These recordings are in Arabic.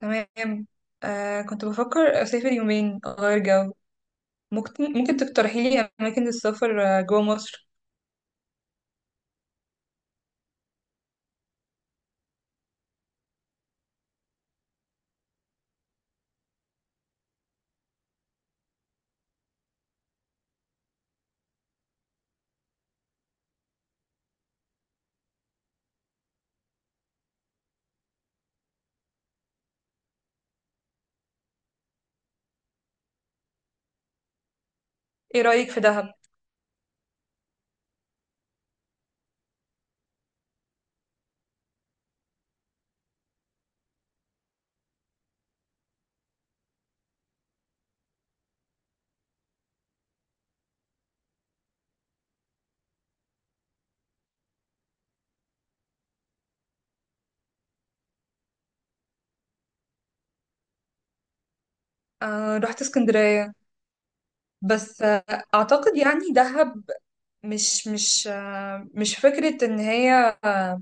تمام. كنت بفكر أسافر يومين أغير جو. ممكن تقترحي لي أماكن للسفر جوا مصر. إيه رأيك في دهب؟ آه، رحت اسكندرية. بس أعتقد يعني دهب مش فكرة إن هي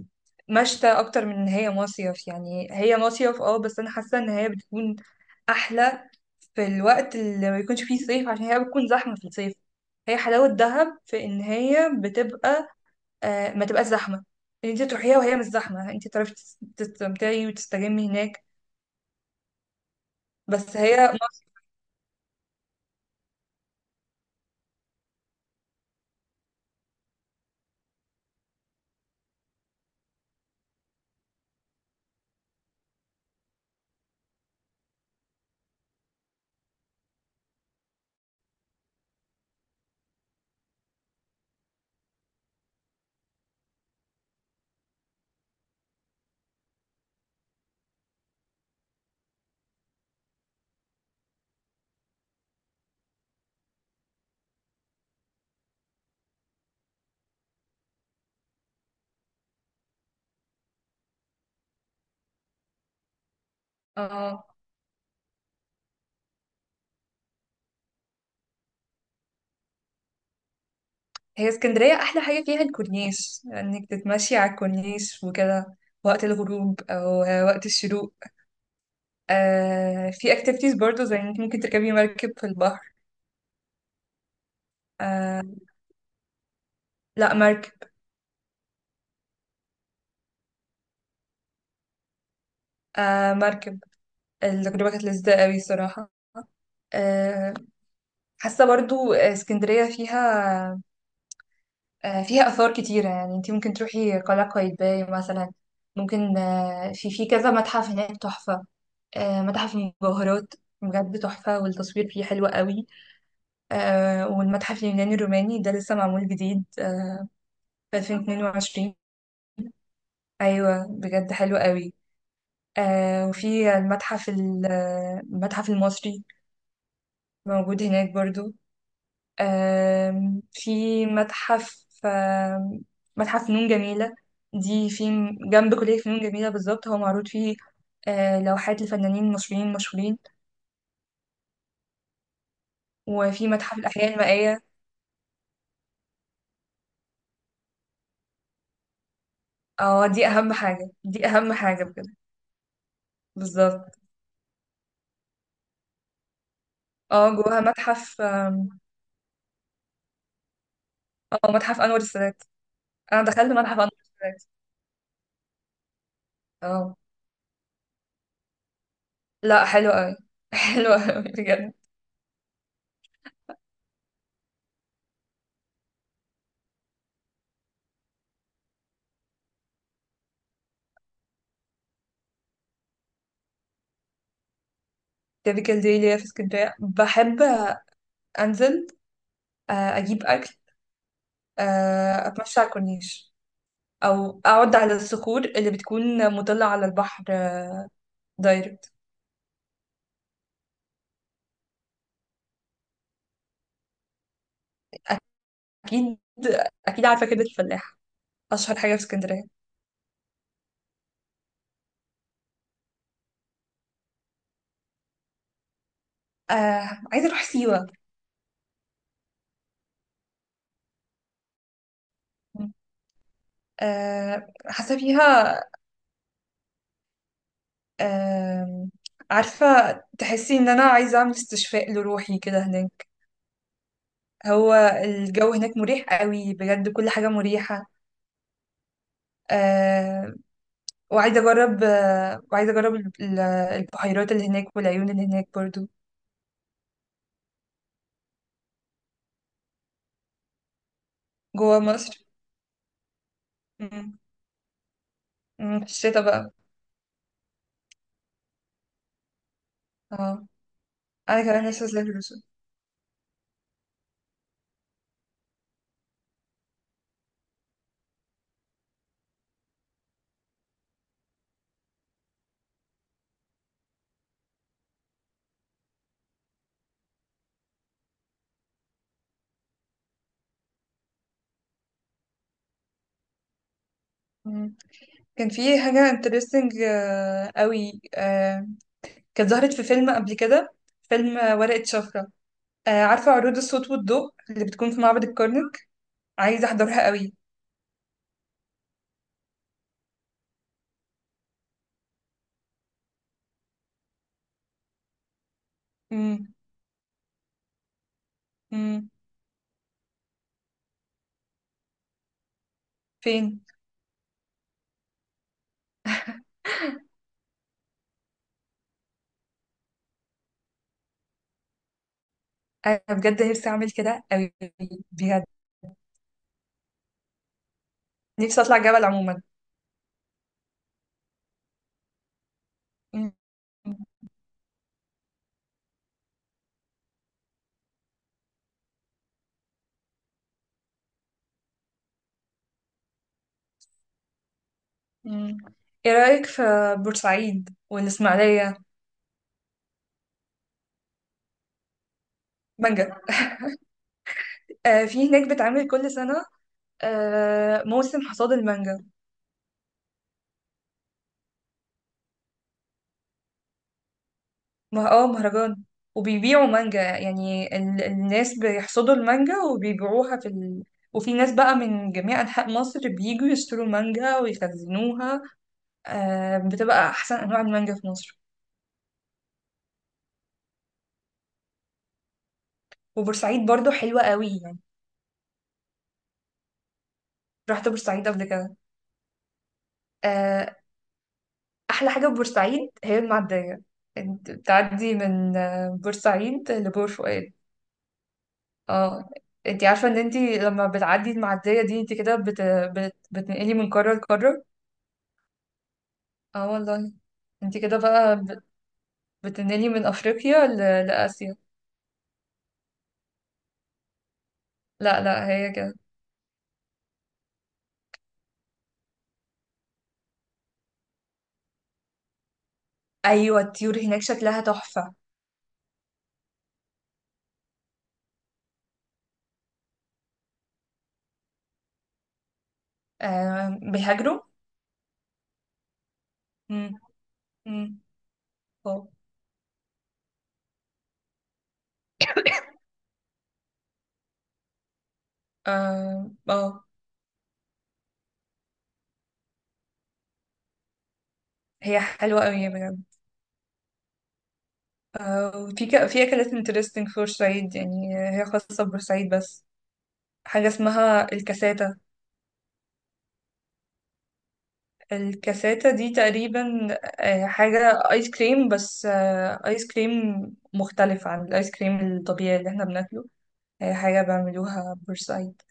مشتى أكتر من إن هي مصيف. يعني هي مصيف، بس أنا حاسة إن هي بتكون أحلى في الوقت اللي ما يكونش فيه صيف عشان هي بتكون زحمة في الصيف. هي حلاوة دهب في إن هي بتبقى ما تبقاش زحمه. ان انت تروحيها وهي مش زحمه، انت تعرفي تستمتعي وتستجمي هناك. بس هي مصر اه هي اسكندريه احلى حاجه فيها الكورنيش، انك تتمشي على الكورنيش وكده وقت الغروب او وقت الشروق. في اكتيفيتيز برضو زي انك ممكن تركبي مركب في البحر. آه، لا مركب. آه، مركب. التجربه كانت لذيذه قوي صراحه. آه، حاسه برضو اسكندريه فيها فيها آثار كتيرة، يعني انت ممكن تروحي قلعة قايتباي مثلا. ممكن في كذا متحف هناك تحفة. متحف المجوهرات بجد تحفة، والتصوير فيه حلو قوي. والمتحف اليوناني الروماني ده لسه معمول جديد في 2022. أيوة بجد حلو قوي. وفي المتحف المتحف المصري موجود هناك برضو. في متحف آم، متحف فنون جميلة، دي في جنب كلية فنون جميلة بالظبط. هو معروض فيه لوحات لفنانين مصريين مشهورين، وفي متحف الأحياء المائية. اه، دي أهم حاجة، دي أهم حاجة بجد. بالظبط. اه، جواها متحف اه، متحف أنور السادات. أنا دخلت متحف أنور السادات. اه، لا حلو أوي حلو أوي بجد. تيبيكال دي ليا في اسكندرية بحب أنزل، أجيب أكل، أتمشى على الكورنيش او اقعد على الصخور اللي بتكون مطلة على البحر دايركت. اكيد، اكيد عارفة كده الفلاح اشهر حاجة في اسكندرية. عايزة اروح سيوة. آه، حاسة فيها. آه عارفة، تحسي ان انا عايزة اعمل استشفاء لروحي كده هناك. هو الجو هناك مريح قوي بجد، كل حاجة مريحة. آه وعايزة اجرب ال- البحيرات اللي هناك والعيون اللي هناك برضو. جوا مصر. مم. مم، في الشتا بقى. اه، انا كمان لسه زي الرسل. كان في حاجه انترستنج قوي، كانت ظهرت في فيلم قبل كده، فيلم ورقه شفره. عارفه عروض الصوت والضوء اللي بتكون في معبد الكرنك، عايزه احضرها قوي. مم. مم. فين؟ انا بجد نفسي اعمل كده قوي بجد، نفسي اطلع جبل عموما. مم. مم. ايه رايك في بورسعيد والاسماعيليه؟ مانجا، في هناك بتعمل كل سنه موسم حصاد المانجا. ما مهرجان، وبيبيعوا مانجا، يعني ال... الناس بيحصدوا المانجا وبيبيعوها في ال... وفي ناس بقى من جميع أنحاء مصر بييجوا يشتروا مانجا ويخزنوها. بتبقى أحسن أنواع المانجا في مصر. وبورسعيد برضو حلوة قوي يعني. رحت بورسعيد قبل كده. آه أحلى حاجة في بورسعيد هي المعدية. انت بتعدي من بورسعيد لبور فؤاد. اه. انت عارفة ان انت لما بتعدي المعدية دي انت كده بتنقلي من قارة لقارة. اه والله. انت كده بقى بتنقلي من افريقيا لاسيا. لا لا، هي كده. ايوه، الطيور هناك شكلها تحفه. آه، بيهاجروا. امم. امم. اه. اه. آه. هي حلوه قوي بجد. آه، وفي في اكلات انترستنج في بورسعيد، يعني هي خاصه ببورسعيد بس. حاجه اسمها الكاساتا. الكاساتا دي تقريبا حاجه ايس كريم، بس ايس كريم مختلف عن الايس كريم الطبيعي اللي احنا بناكله. هي حاجه بعملوها بورسعيد.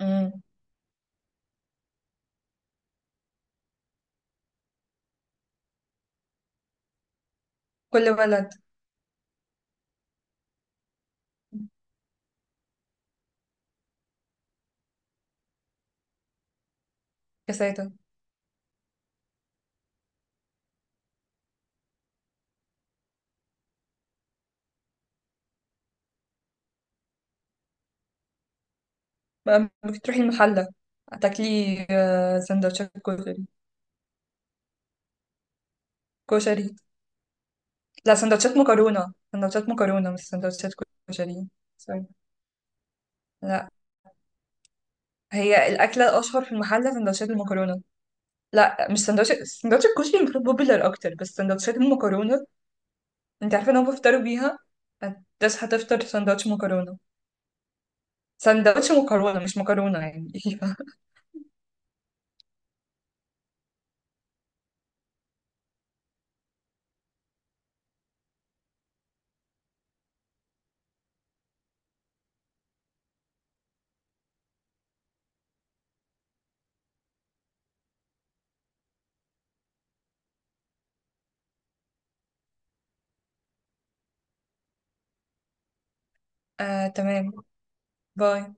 مم. كل ولد. كساتة. بقى بتروحي المحلة تاكلي سندوتشات كشري. كشري؟ لا، سندوتشات مكرونة، سندوتشات مكرونة مش سندوتشات كشري. سوري. لا، هي الأكلة الأشهر في المحلة سندوتشات المكرونة. لا مش سندوتشات، سندوتش الكشري المفروض بوبيلر أكتر، بس سندوتشات المكرونة. أنت عارفة إن هم بيفطروا بيها. تصحى تفطر سندوتش مكرونة. سندوتش مكرونة مش مكرونة يعني. آه، تمام. باي.